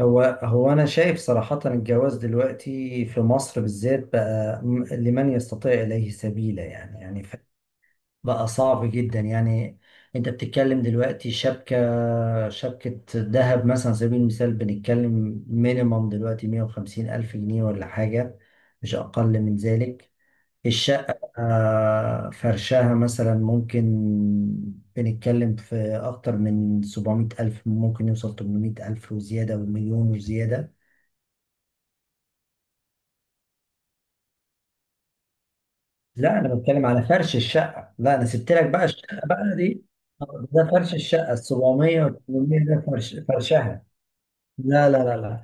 هو أنا شايف صراحة، الجواز دلوقتي في مصر بالذات بقى لمن يستطيع إليه سبيلا، يعني بقى صعب جدا يعني. أنت بتتكلم دلوقتي، شبكة ذهب مثلا، على سبيل المثال بنتكلم مينيمم دلوقتي 150 ألف جنيه ولا حاجة، مش أقل من ذلك. الشقة، فرشها مثلا ممكن، بنتكلم في أكتر من 700 ألف، ممكن يوصل 800 ألف وزيادة ومليون وزيادة. لا انا بتكلم على فرش الشقه، لا انا سبت لك بقى الشقه بقى دي، ده فرش الشقه ال 700 وال 800، ده فرش فرشها. لا لا لا، لا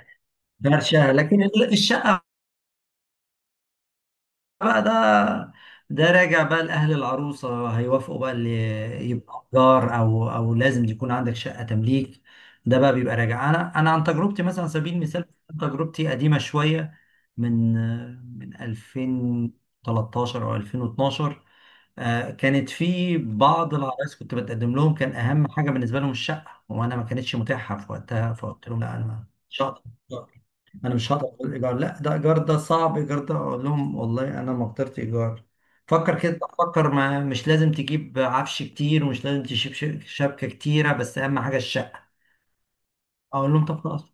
فرشها لكن الشقه بقى ده. ده راجع بقى لاهل العروسه، هيوافقوا بقى اللي يبقى جار، او لازم يكون عندك شقه تمليك. ده بقى بيبقى راجع، انا عن تجربتي، مثلا على سبيل المثال، تجربتي قديمه شويه، من من 2013 او 2012. كانت في بعض العرايس كنت بتقدم لهم، كان اهم حاجه بالنسبه لهم الشقه، وانا ما كانتش متاحه في وقتها، فقلت لهم لا انا مش هقدر، اقول ايجار، لا ده ايجار، ده صعب ايجار، ده اقول لهم والله انا ما قدرت ايجار. فكر كده، فكر، ما مش لازم تجيب عفش كتير، ومش لازم تجيب شبكه كتيره، بس اهم حاجه الشقه، اقول لهم طب خلاص.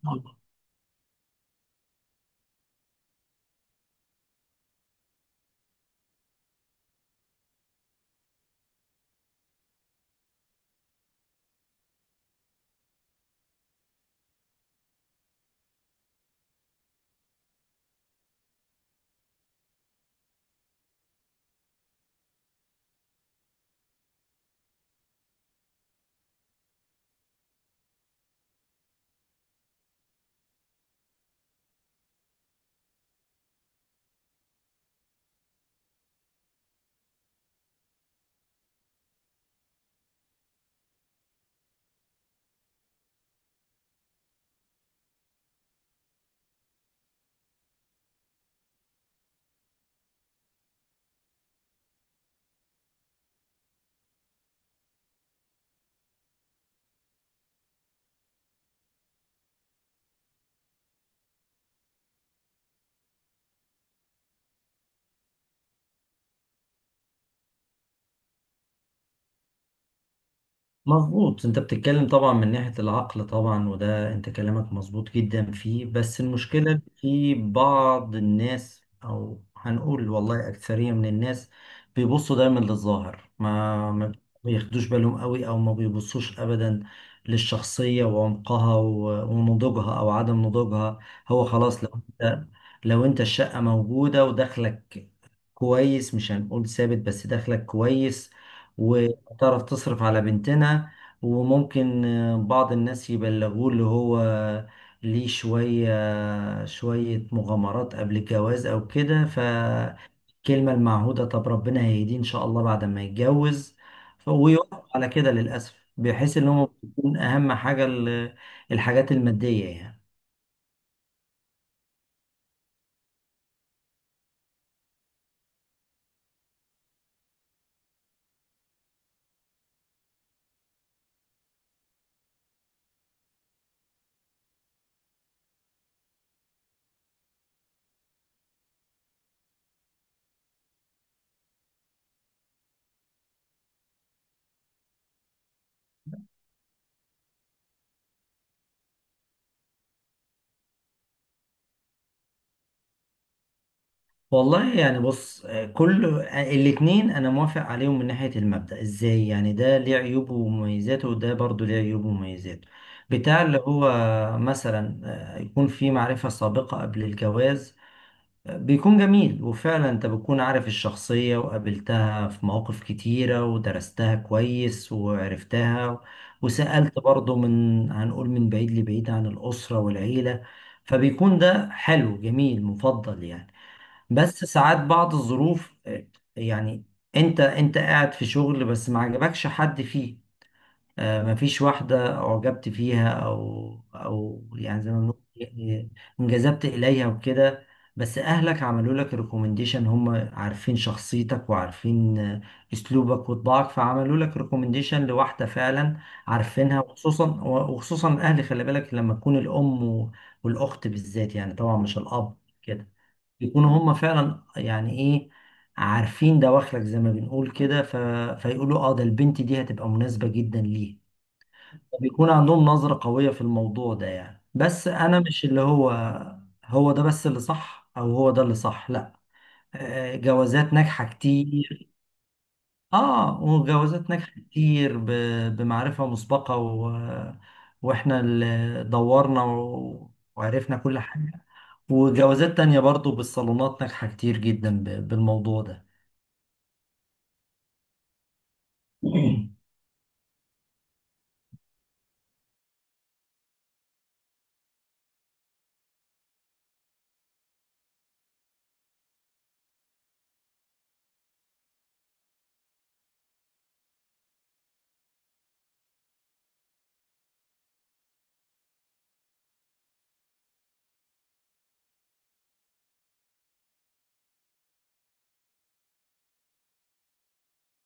مظبوط، انت بتتكلم طبعا من ناحية العقل طبعا، وده انت كلامك مظبوط جدا فيه، بس المشكلة إن في بعض الناس، او هنقول والله اكثرية من الناس، بيبصوا دايما للظاهر، ما بياخدوش بالهم قوي، او ما بيبصوش ابدا للشخصية وعمقها ونضوجها او عدم نضوجها. هو خلاص، انت لو انت الشقة موجودة ودخلك كويس، مش هنقول ثابت بس دخلك كويس، تعرف تصرف على بنتنا. وممكن بعض الناس يبلغوه اللي هو ليه شوية شوية مغامرات قبل الجواز أو كده، فالكلمة المعهودة طب ربنا هيهديه إن شاء الله بعد ما يتجوز، ويوافق على كده للأسف، بحيث إن هم بيكون أهم حاجة الحاجات المادية يعني. والله يعني بص، كل الاتنين انا موافق عليهم من ناحية المبدأ، ازاي يعني؟ ده ليه عيوبه ومميزاته، وده برضو ليه عيوبه ومميزاته. بتاع اللي هو، مثلا يكون في معرفة سابقة قبل الجواز، بيكون جميل، وفعلا انت بتكون عارف الشخصية وقابلتها في مواقف كتيرة ودرستها كويس وعرفتها، وسألت برضو، من هنقول، من بعيد لبعيد، عن الأسرة والعيلة، فبيكون ده حلو جميل مفضل يعني. بس ساعات بعض الظروف، يعني انت قاعد في شغل بس ما عجبكش حد فيه، ما فيش واحدة اعجبت فيها، او يعني زي ما بنقول، يعني انجذبت اليها وكده، بس اهلك عملوا لك ريكومنديشن، هم عارفين شخصيتك وعارفين اسلوبك وطباعك، فعملوا لك ريكومنديشن لواحدة فعلا عارفينها. وخصوصا وخصوصا الاهل، خلي بالك لما تكون الام والاخت بالذات يعني، طبعا مش الاب كده، يكونوا هم فعلا يعني ايه، عارفين دواخلك زي ما بنقول كده، فيقولوا اه ده البنت دي هتبقى مناسبة جدا ليه، بيكون عندهم نظرة قوية في الموضوع ده يعني. بس انا مش اللي هو، هو ده بس اللي صح، او هو ده اللي صح، لا. جوازات ناجحة كتير، اه، وجوازات ناجحة كتير بمعرفة مسبقة واحنا اللي دورنا وعرفنا كل حاجة. وجوازات تانية برضو بالصالونات ناجحة كتير جدا بالموضوع ده.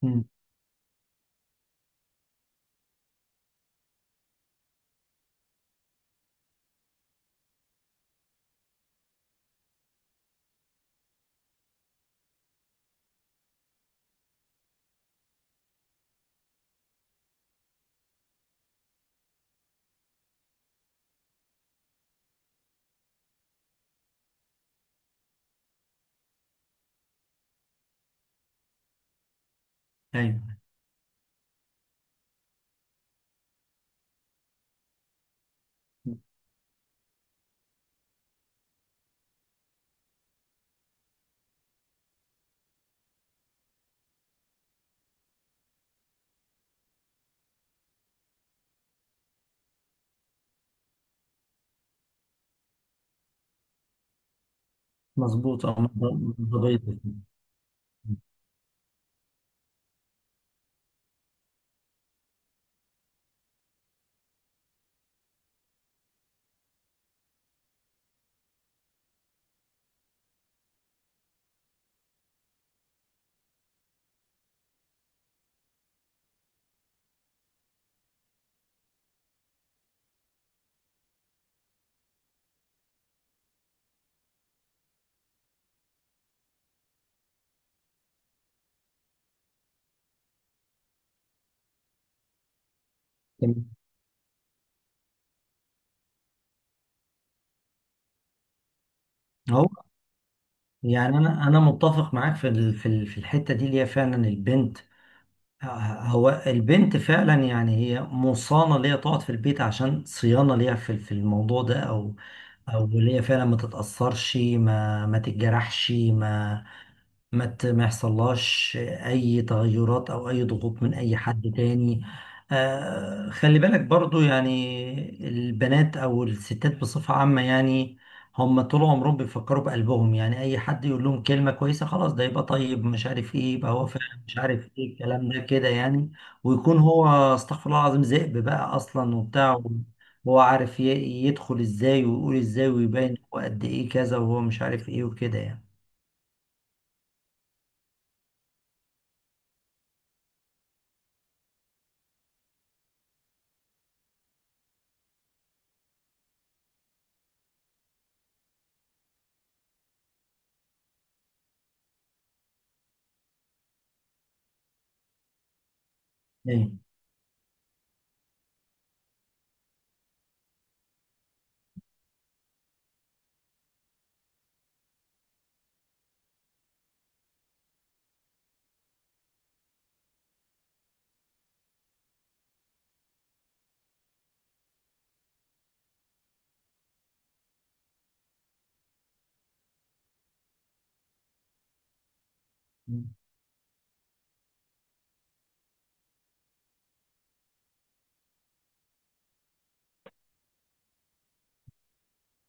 مم. ايوه، مظبوط، اه مظبوط. تمام. هو يعني انا متفق معاك في الحتة دي، اللي هي فعلا البنت. آه، هو البنت فعلا يعني، هي مصانة ليها تقعد في البيت عشان صيانة ليها في الموضوع ده، او اللي هي فعلا ما تتاثرش، ما تتجرحش، ما يحصلهاش اي تغيرات او اي ضغوط من اي حد تاني. آه خلي بالك برضو، يعني البنات او الستات بصفة عامة يعني، هم طول عمرهم بيفكروا بقلبهم يعني، اي حد يقول لهم كلمة كويسة خلاص، ده يبقى طيب مش عارف ايه، يبقى هو فعلا مش عارف ايه، الكلام ده كده يعني. ويكون هو، استغفر الله العظيم، ذئب بقى اصلا وبتاع، هو عارف يدخل ازاي ويقول ازاي ويبين هو قد ايه كذا وهو مش عارف ايه وكده يعني. إيه.